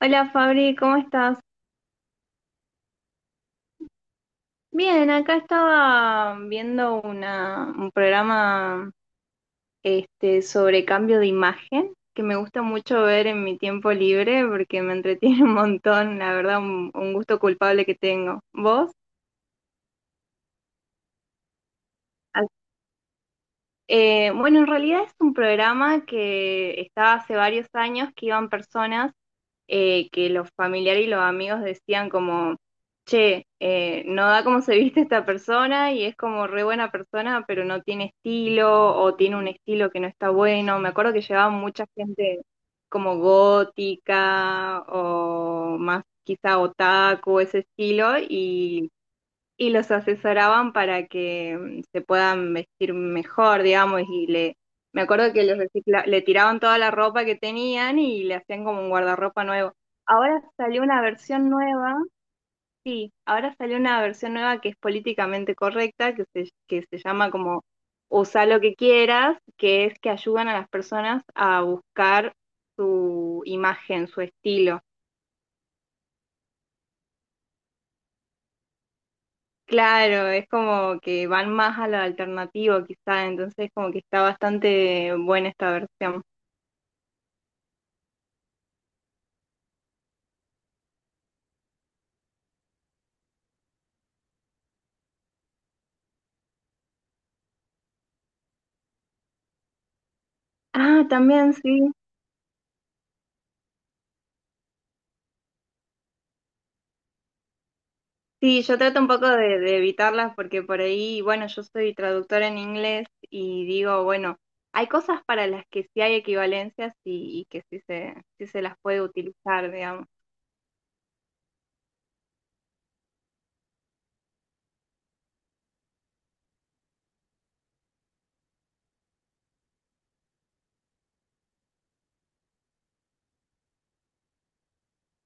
Hola Fabri, ¿cómo estás? Bien, acá estaba viendo un programa sobre cambio de imagen que me gusta mucho ver en mi tiempo libre porque me entretiene un montón, la verdad, un gusto culpable que tengo. ¿Vos? Ah, bueno, en realidad es un programa que estaba hace varios años que iban personas que los familiares y los amigos decían como, che, no da como se viste esta persona y es como re buena persona, pero no tiene estilo o tiene un estilo que no está bueno. Me acuerdo que llevaba mucha gente como gótica o más quizá otaku, ese estilo, y los asesoraban para que se puedan vestir mejor, digamos, me acuerdo que le tiraban toda la ropa que tenían y le hacían como un guardarropa nuevo. Ahora salió una versión nueva, sí, ahora salió una versión nueva que es políticamente correcta, que se llama como usa lo que quieras, que es que ayudan a las personas a buscar su imagen, su estilo. Claro, es como que van más a lo alternativo quizá, entonces como que está bastante buena esta versión. Ah, también sí. Sí, yo trato un poco de evitarlas porque por ahí, bueno, yo soy traductora en inglés y digo, bueno, hay cosas para las que sí hay equivalencias y, y que sí se las puede utilizar, digamos.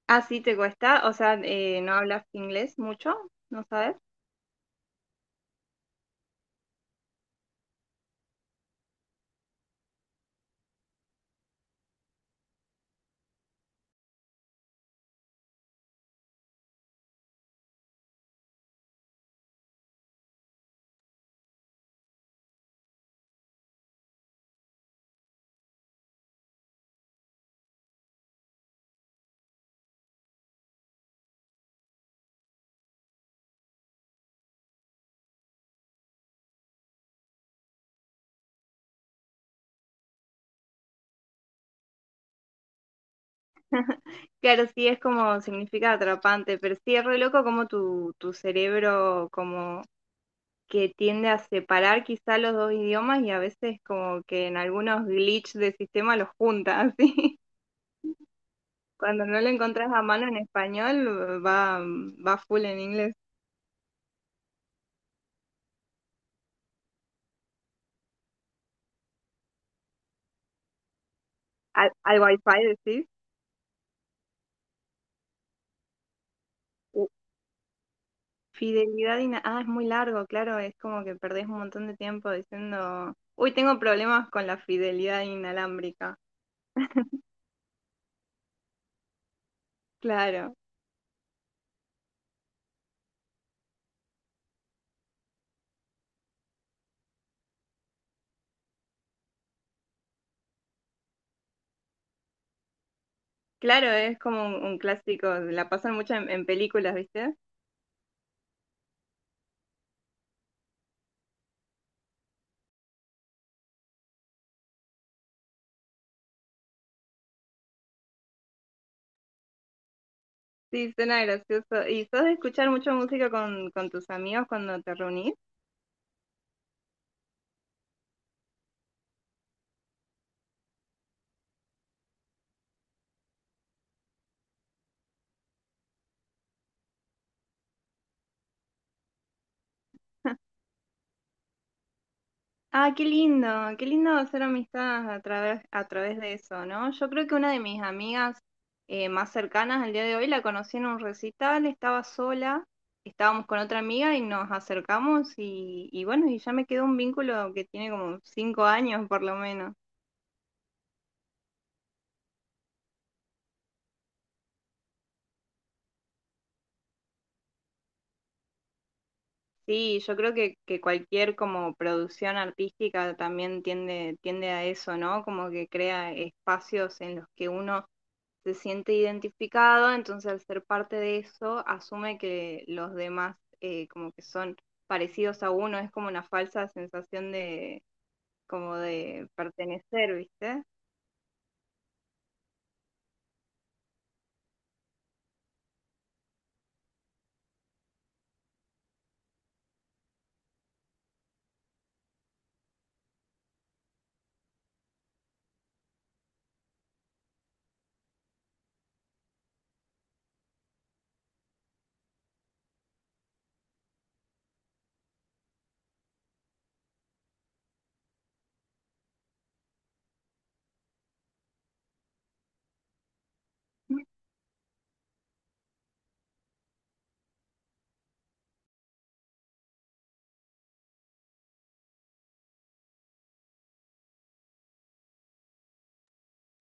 Ah, sí, te cuesta, o sea, no hablas inglés mucho, ¿no sabes? Claro, sí, es como significa atrapante, pero sí es re loco como tu cerebro como que tiende a separar quizá los dos idiomas y a veces como que en algunos glitch de sistema los junta, así. Cuando no lo encontrás a mano en español, va full en inglés. Al wifi decís. Uh, Ah, es muy largo, claro, es como que perdés un montón de tiempo diciendo, uy, tengo problemas con la fidelidad inalámbrica. Claro, claro, es como un clásico, la pasan mucho en películas, ¿viste? Sí, suena gracioso. ¿Y sos de escuchar mucha música con tus amigos cuando te reunís? Ah, qué lindo hacer amistades a través de eso, ¿no? Yo creo que una de mis amigas más cercanas al día de hoy la conocí en un recital, estaba sola, estábamos con otra amiga y nos acercamos y bueno, y ya me quedó un vínculo que tiene como 5 años por lo menos. Sí, yo creo que cualquier como producción artística también tiende a eso, ¿no? Como que crea espacios en los que uno se siente identificado, entonces al ser parte de eso, asume que los demás como que son parecidos a uno, es como una falsa sensación de como de pertenecer, ¿viste?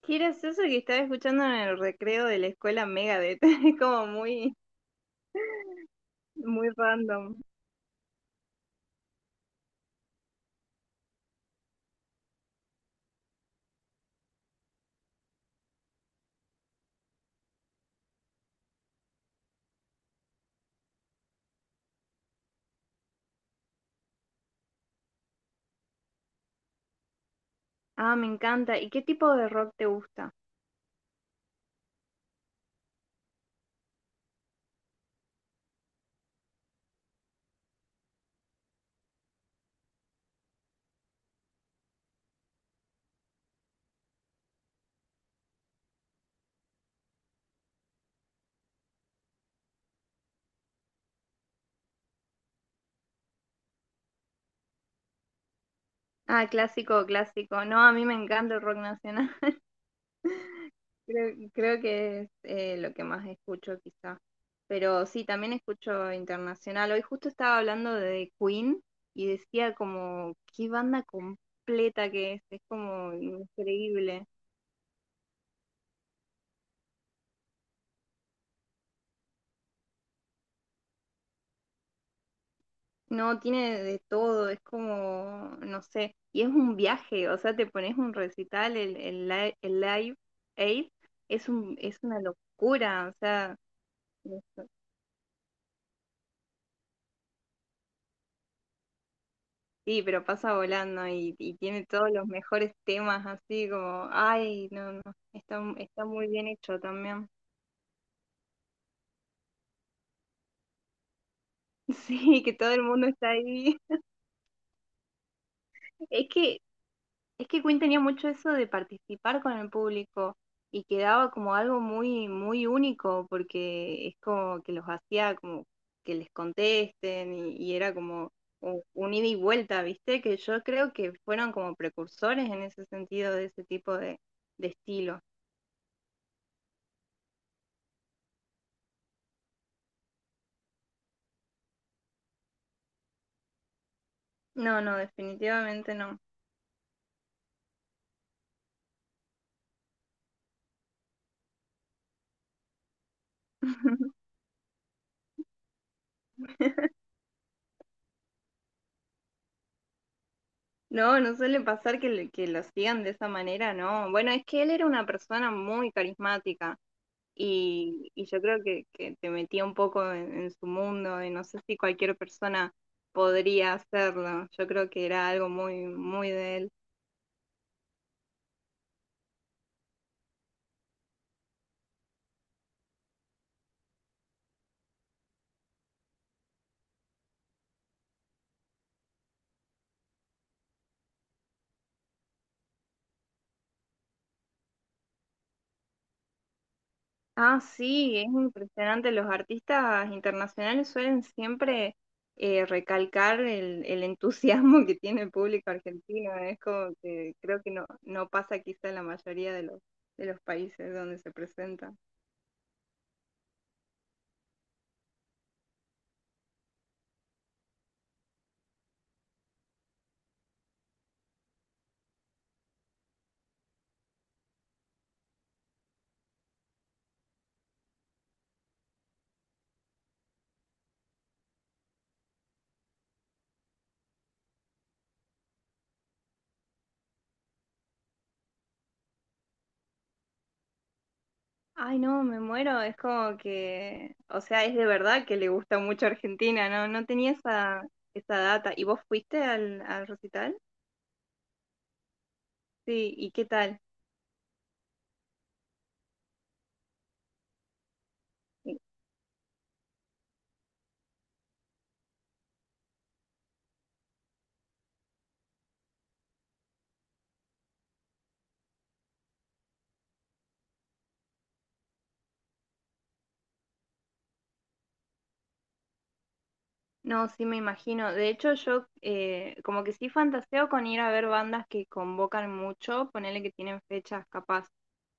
Qué gracioso que estaba escuchando en el recreo de la escuela Megadeth, muy random. Ah, me encanta. ¿Y qué tipo de rock te gusta? Ah, clásico, clásico. No, a mí me encanta el rock nacional. Creo que es lo que más escucho quizá. Pero sí, también escucho internacional. Hoy justo estaba hablando de Queen y decía como, qué banda completa que es. Es como increíble. No, tiene de todo. Es como, no sé. Y es un viaje. O sea, te pones un recital, el Live Aid. Es un, es una locura. O sea... Sí, pero pasa volando y tiene todos los mejores temas así como, ay, no, no, está, está muy bien hecho también. Sí, que todo el mundo está ahí. Es que, es que Queen tenía mucho eso de participar con el público y quedaba como algo muy, muy único porque es como que los hacía como que les contesten y era como un ida y vuelta, ¿viste? Que yo creo que fueron como precursores en ese sentido de ese tipo de estilo. No, no, definitivamente no. No, no suele pasar que, que lo sigan de esa manera, ¿no? Bueno, es que él era una persona muy carismática y yo creo que te metía un poco en su mundo y no sé si cualquier persona podría hacerlo. Yo creo que era algo muy, muy de él. Ah, sí, es impresionante. Los artistas internacionales suelen siempre recalcar el entusiasmo que tiene el público argentino, ¿eh? Es como que creo que no, no pasa quizá en la mayoría de los países donde se presentan. Ay, no, me muero. Es como que, o sea, es de verdad que le gusta mucho Argentina, ¿no? No tenía esa, esa data. ¿Y vos fuiste al, al recital? Sí, ¿y qué tal? No, sí me imagino. De hecho, yo como que sí fantaseo con ir a ver bandas que convocan mucho, ponerle que tienen fechas capaz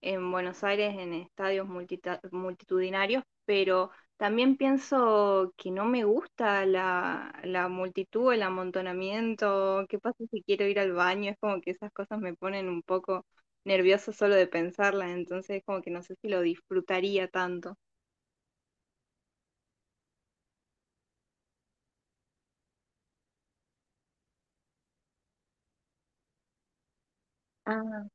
en Buenos Aires, en estadios multitudinarios, pero también pienso que no me gusta la multitud, el amontonamiento, qué pasa si quiero ir al baño, es como que esas cosas me ponen un poco nerviosa solo de pensarlas, entonces como que no sé si lo disfrutaría tanto. Ah,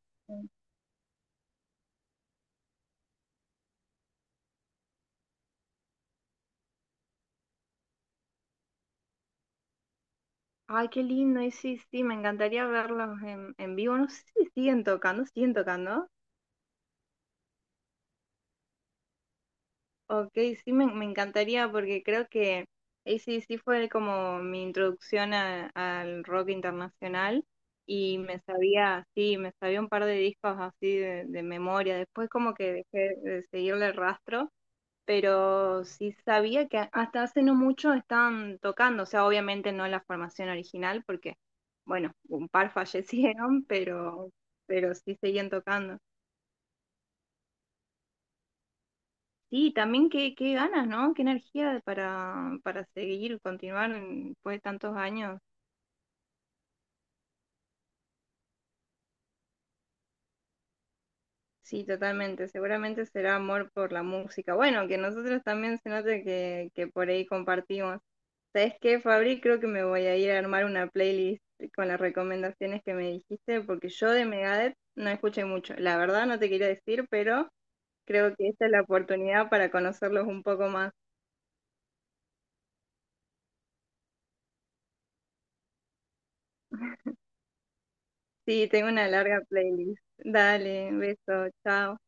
ay, qué lindo, y sí, sí, me encantaría verlos en vivo. No sé si siguen tocando, siguen tocando. Ok, sí, me encantaría porque creo que sí fue como mi introducción al rock internacional y me sabía, sí, me sabía un par de discos así de memoria. Después como que dejé de seguirle el rastro, pero sí sabía que hasta hace no mucho estaban tocando, o sea, obviamente no la formación original, porque, bueno, un par fallecieron, pero sí seguían tocando. Sí, también qué, qué ganas, ¿no? Qué energía para seguir, continuar después de tantos años. Sí, totalmente. Seguramente será amor por la música. Bueno, que nosotros también se note que por ahí compartimos. ¿Sabes qué, Fabri? Creo que me voy a ir a armar una playlist con las recomendaciones que me dijiste, porque yo de Megadeth no escuché mucho. La verdad no te quería decir, pero creo que esta es la oportunidad para conocerlos un poco más. Sí, tengo una larga playlist. Dale, beso, chao.